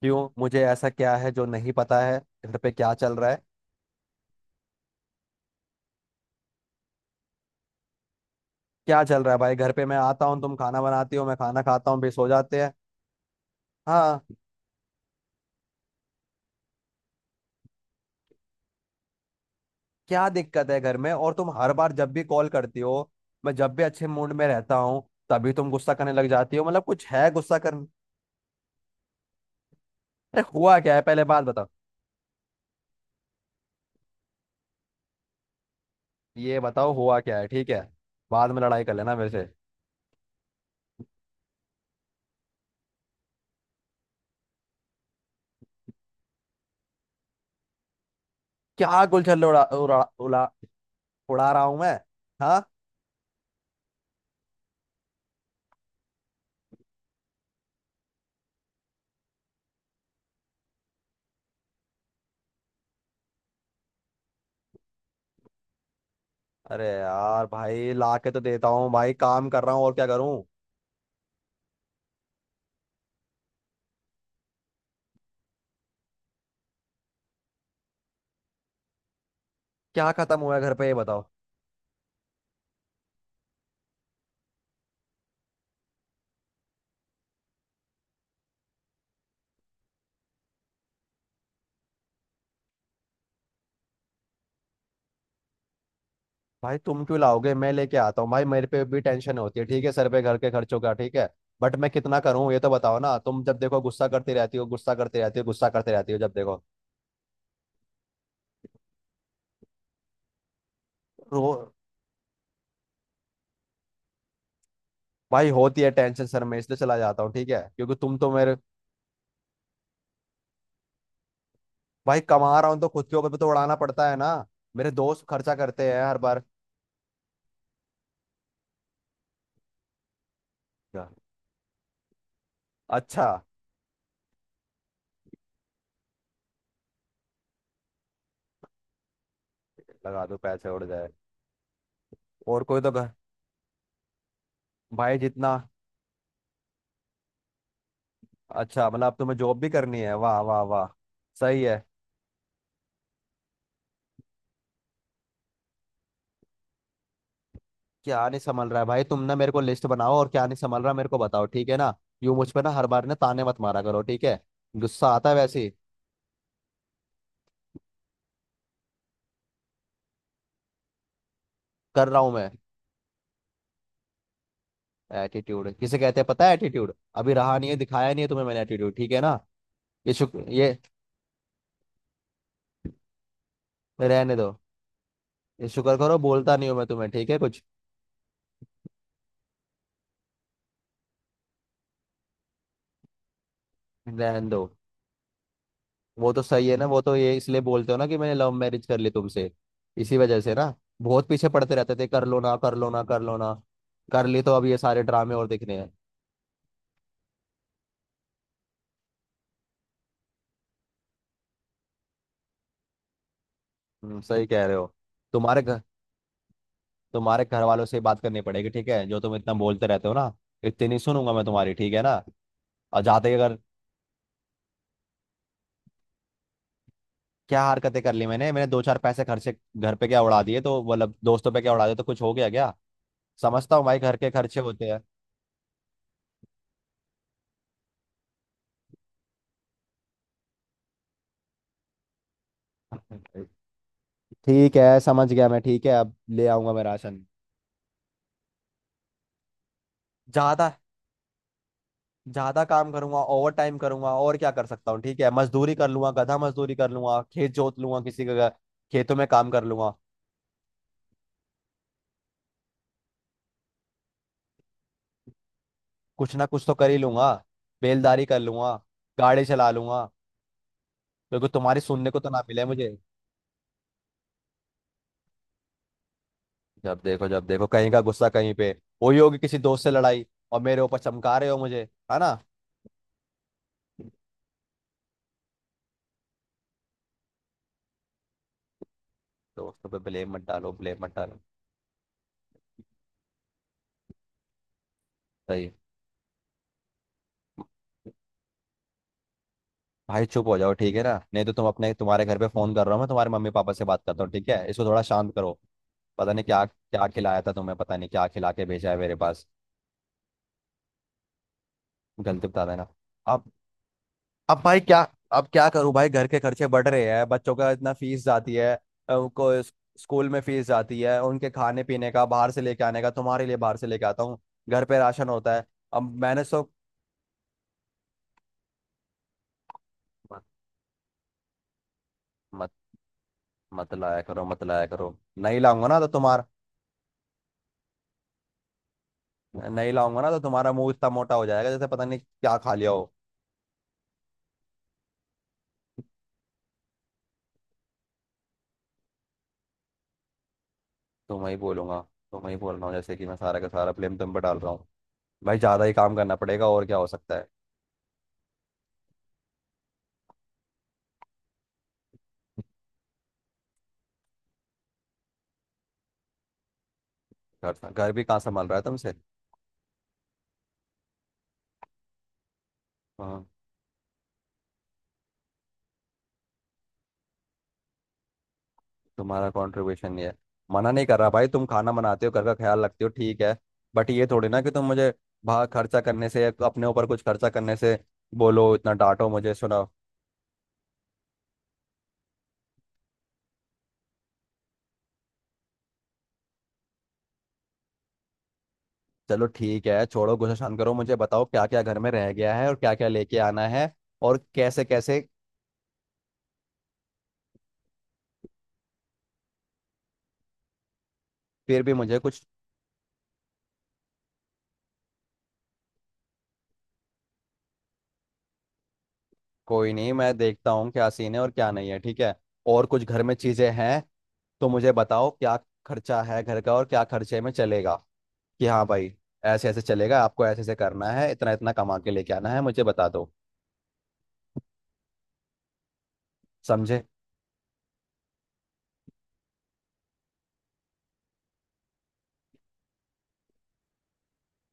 क्यों? मुझे ऐसा क्या है जो नहीं पता है। घर पे क्या चल रहा है? क्या चल रहा है भाई घर पे? मैं आता हूँ, तुम खाना बनाती हो, मैं खाना खाता हूँ, फिर सो जाते हैं। हाँ। क्या दिक्कत है घर में? और तुम हर बार जब भी कॉल करती हो, मैं जब भी अच्छे मूड में रहता हूँ, तभी तुम गुस्सा करने लग जाती हो। मतलब कुछ है गुस्सा करने। अरे हुआ क्या है? पहले बात बताओ। ये बताओ हुआ क्या है। ठीक है, बाद में लड़ाई कर लेना मेरे से। क्या गुलछल उड़ा उड़ा उड़ा उड़ा रहा हूँ मैं? हाँ। अरे यार भाई, ला के तो देता हूँ भाई। काम कर रहा हूँ, और क्या करूँ? क्या खत्म हुआ है घर पे, ये बताओ। भाई, तुम क्यों लाओगे, मैं लेके आता हूँ भाई। मेरे पे भी टेंशन होती है ठीक है, सर पे घर के खर्चों का, ठीक है। बट मैं कितना करूँ ये तो बताओ ना। तुम जब देखो गुस्सा करती रहती हो, गुस्सा करती रहती हो, गुस्सा करती रहती हो जब देखो। रो भाई होती है टेंशन सर, मैं इसलिए चला जाता हूँ ठीक है, क्योंकि तुम तो मेरे। भाई कमा रहा हूँ तो खुद के ऊपर भी तो उड़ाना पड़ता है ना। मेरे दोस्त खर्चा करते हैं हर बार। क्या? अच्छा। लगा दो पैसे उड़ जाए। और कोई तो घर। भाई जितना। अच्छा, मतलब अब तुम्हें जॉब भी करनी है? वाह वाह वाह। सही है। क्या नहीं संभल रहा है भाई? तुम ना मेरे को लिस्ट बनाओ, और क्या नहीं संभल रहा मेरे को बताओ, ठीक है ना? यूं मुझ पे ना, हर बार ना ताने मत मारा करो, ठीक है। गुस्सा आता है वैसे ही। कर रहा हूं मैं। एटीट्यूड किसे कहते हैं, पता है एटीट्यूड? अभी रहा नहीं है, दिखाया नहीं है तुम्हें मैंने एटीट्यूड, ठीक है ना? ये शुक्र ये रहने दो। ये शुक्र करो बोलता नहीं हूं मैं तुम्हें, ठीक है कुछ। रहने दो। वो तो सही है ना, वो तो ये इसलिए बोलते हो ना कि मैंने लव मैरिज कर ली तुमसे, इसी वजह से ना। बहुत पीछे पड़ते रहते थे, कर लो ना, कर लो ना, कर लो ना। कर ली तो अब ये सारे ड्रामे और दिख रहे हैं। सही कह रहे हो। तुम्हारे घर। तुम्हारे घर वालों से बात करनी पड़ेगी, ठीक है, जो तुम इतना बोलते रहते हो ना। इतनी नहीं सुनूंगा मैं तुम्हारी, ठीक है ना? और जाते ही अगर। क्या हरकतें कर ली मैंने मैंने दो चार पैसे खर्चे, घर पे क्या उड़ा दिए तो मतलब, दोस्तों पे क्या उड़ा दिए तो कुछ हो गया क्या? समझता हूँ भाई, घर के खर्चे होते हैं। ठीक है, समझ गया मैं, ठीक है। अब ले आऊंगा मैं राशन। ज्यादा ज्यादा काम करूंगा, ओवर टाइम करूंगा, और क्या कर सकता हूँ ठीक है। मजदूरी कर लूंगा, गधा मजदूरी कर लूंगा, खेत जोत लूंगा, किसी के घर- खेतों में काम कर लूंगा। कुछ ना कुछ तो कर ही लूंगा। बेलदारी कर लूंगा। गाड़ी चला लूंगा। क्योंकि तुम्हारी सुनने को तो ना मिले मुझे। जब देखो कहीं का गुस्सा कहीं पे। वही होगी किसी दोस्त से लड़ाई। और मेरे ऊपर चमका रहे हो मुझे, है ना? दोस्तों पे ब्लेम मत डालो, ब्लेम मत डालो। सही। भाई चुप हो जाओ, ठीक है ना? नहीं तो तुम्हारे घर पे फोन कर रहा हूँ मैं, तुम्हारे मम्मी पापा से बात करता हूँ ठीक है, इसको थोड़ा शांत करो। पता नहीं क्या क्या खिलाया था तुम्हें, पता नहीं क्या खिला के भेजा है मेरे पास। गलती बता देना। अब अब भाई क्या? अब क्या करूं भाई? घर के खर्चे बढ़ रहे हैं, बच्चों का इतना फीस जाती है। अ, उनको इस- स्कूल में फीस जाती है, उनके खाने पीने का, बाहर से लेके आने का, तुम्हारे लिए बाहर से लेके आता हूँ। घर पे राशन होता है। अब मैंने सो। मत मत मत लाया करो, मत लाया करो। नहीं लाऊंगा ना तो तुम्हारा नहीं लाऊंगा ना तो तुम्हारा मुंह इतना मोटा हो जाएगा जैसे पता नहीं क्या खा लिया हो। तुम्हें ही बोलूंगा। तुम्हें ही बोल रहा हूँ, जैसे कि मैं सारा का सारा ब्लेम तुम पे डाल रहा हूँ। भाई, ज्यादा ही काम करना पड़ेगा, और क्या हो सकता है? घर घर भी कहाँ संभाल रहा है तुमसे? हाँ। तुम्हारा कंट्रीब्यूशन ये है। मना नहीं कर रहा भाई, तुम खाना बनाते हो, घर का ख्याल रखते हो, ठीक है। बट ये थोड़ी ना कि तुम मुझे बाहर खर्चा करने से या तो अपने ऊपर कुछ खर्चा करने से बोलो, इतना डांटो मुझे, सुनाओ। चलो ठीक है, छोड़ो, गुस्सा शांत करो, मुझे बताओ क्या क्या घर में रह गया है और क्या क्या लेके आना है। और कैसे कैसे। फिर भी मुझे कुछ। कोई नहीं, मैं देखता हूँ क्या सीन है और क्या नहीं है, ठीक है। और कुछ घर में चीजें हैं, तो मुझे बताओ क्या खर्चा है घर का और क्या खर्चे में चलेगा। कि हाँ भाई, ऐसे ऐसे चलेगा, आपको ऐसे ऐसे करना है, इतना इतना कमा के लेके आना है, मुझे बता दो। समझे?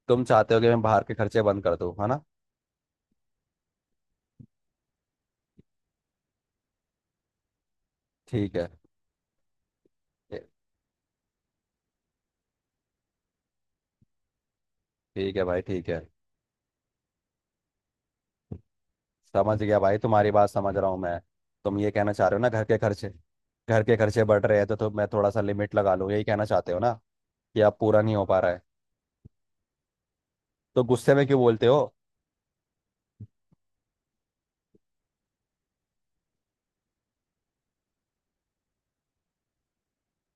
तुम चाहते हो कि मैं बाहर के खर्चे बंद कर दूँ, है ना? ठीक है। ए- ठीक है भाई, ठीक है। समझ गया भाई, तुम्हारी बात समझ रहा हूँ मैं। तुम ये कहना चाह रहे हो ना, घर के खर्चे बढ़ रहे हैं, तो मैं थोड़ा सा लिमिट लगा लूँ, यही कहना चाहते हो ना, कि अब पूरा नहीं हो पा रहा है? तो गुस्से में क्यों बोलते हो?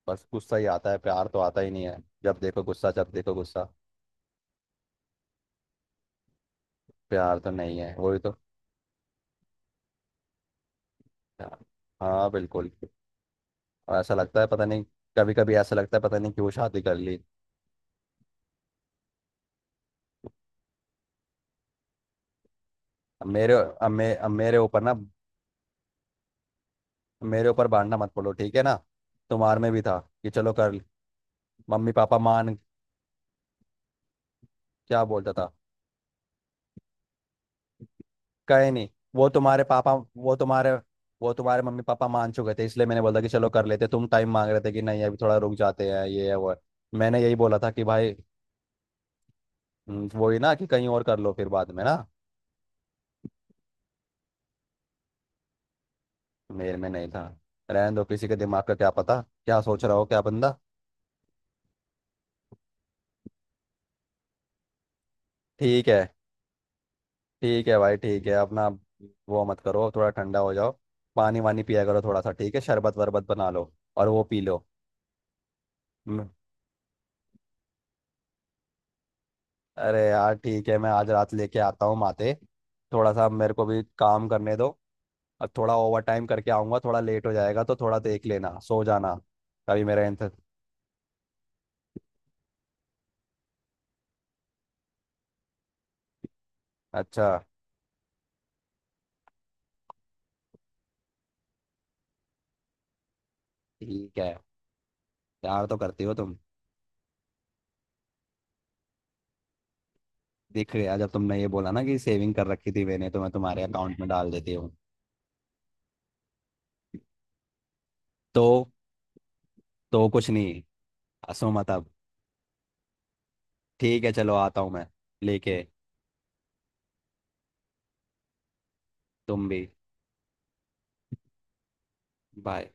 बस गुस्सा ही आता है, प्यार तो आता ही नहीं है। जब देखो गुस्सा, जब देखो गुस्सा। प्यार तो नहीं है, वही तो। हाँ, बिल्कुल। और ऐसा लगता है पता नहीं, कभी कभी ऐसा लगता है पता नहीं क्यों शादी कर ली। अब मेरे ऊपर ना। मेरे ऊपर बांटना मत पड़ो, ठीक है ना? तुम्हारे में भी था कि चलो कर ली। मम्मी पापा मान। क्या बोलता था? कहे नहीं। वो तुम्हारे पापा वो तुम्हारे वो तुम्हारे मम्मी पापा मान चुके थे, इसलिए मैंने बोला कि चलो कर लेते, तुम टाइम मांग रहे थे कि नहीं अभी थोड़ा रुक जाते हैं, ये है वो है। मैंने यही बोला था कि भाई। वही ना कि कहीं और कर लो फिर बाद में ना। मेरे में नहीं था। रहने दो, किसी के दिमाग का क्या पता क्या सोच रहा हो क्या बंदा। ठीक है। ठीक है भाई, ठीक है। अपना वो मत करो, थोड़ा ठंडा हो जाओ। पानी वानी पिया करो थोड़ा सा, ठीक है? शरबत वरबत बना लो और वो पी लो। हम्म। अरे यार ठीक है, मैं आज रात लेके आता हूँ माते। थोड़ा सा मेरे को भी काम करने दो। और थोड़ा ओवर टाइम करके आऊँगा, थोड़ा लेट हो जाएगा तो थोड़ा देख लेना, सो जाना। कभी मेरा इंतज़ार। अच्छा। ठीक है, प्यार तो करती हो तुम। दिख रहा है, जब तुमने ये बोला ना कि सेविंग कर रखी थी मैंने, तो मैं तुम्हारे अकाउंट में डाल देती हूँ। तो तो कुछ नहीं। हंसो मत अब। ठीक है, चलो आता हूँ मैं लेके। तुम भी। बाय।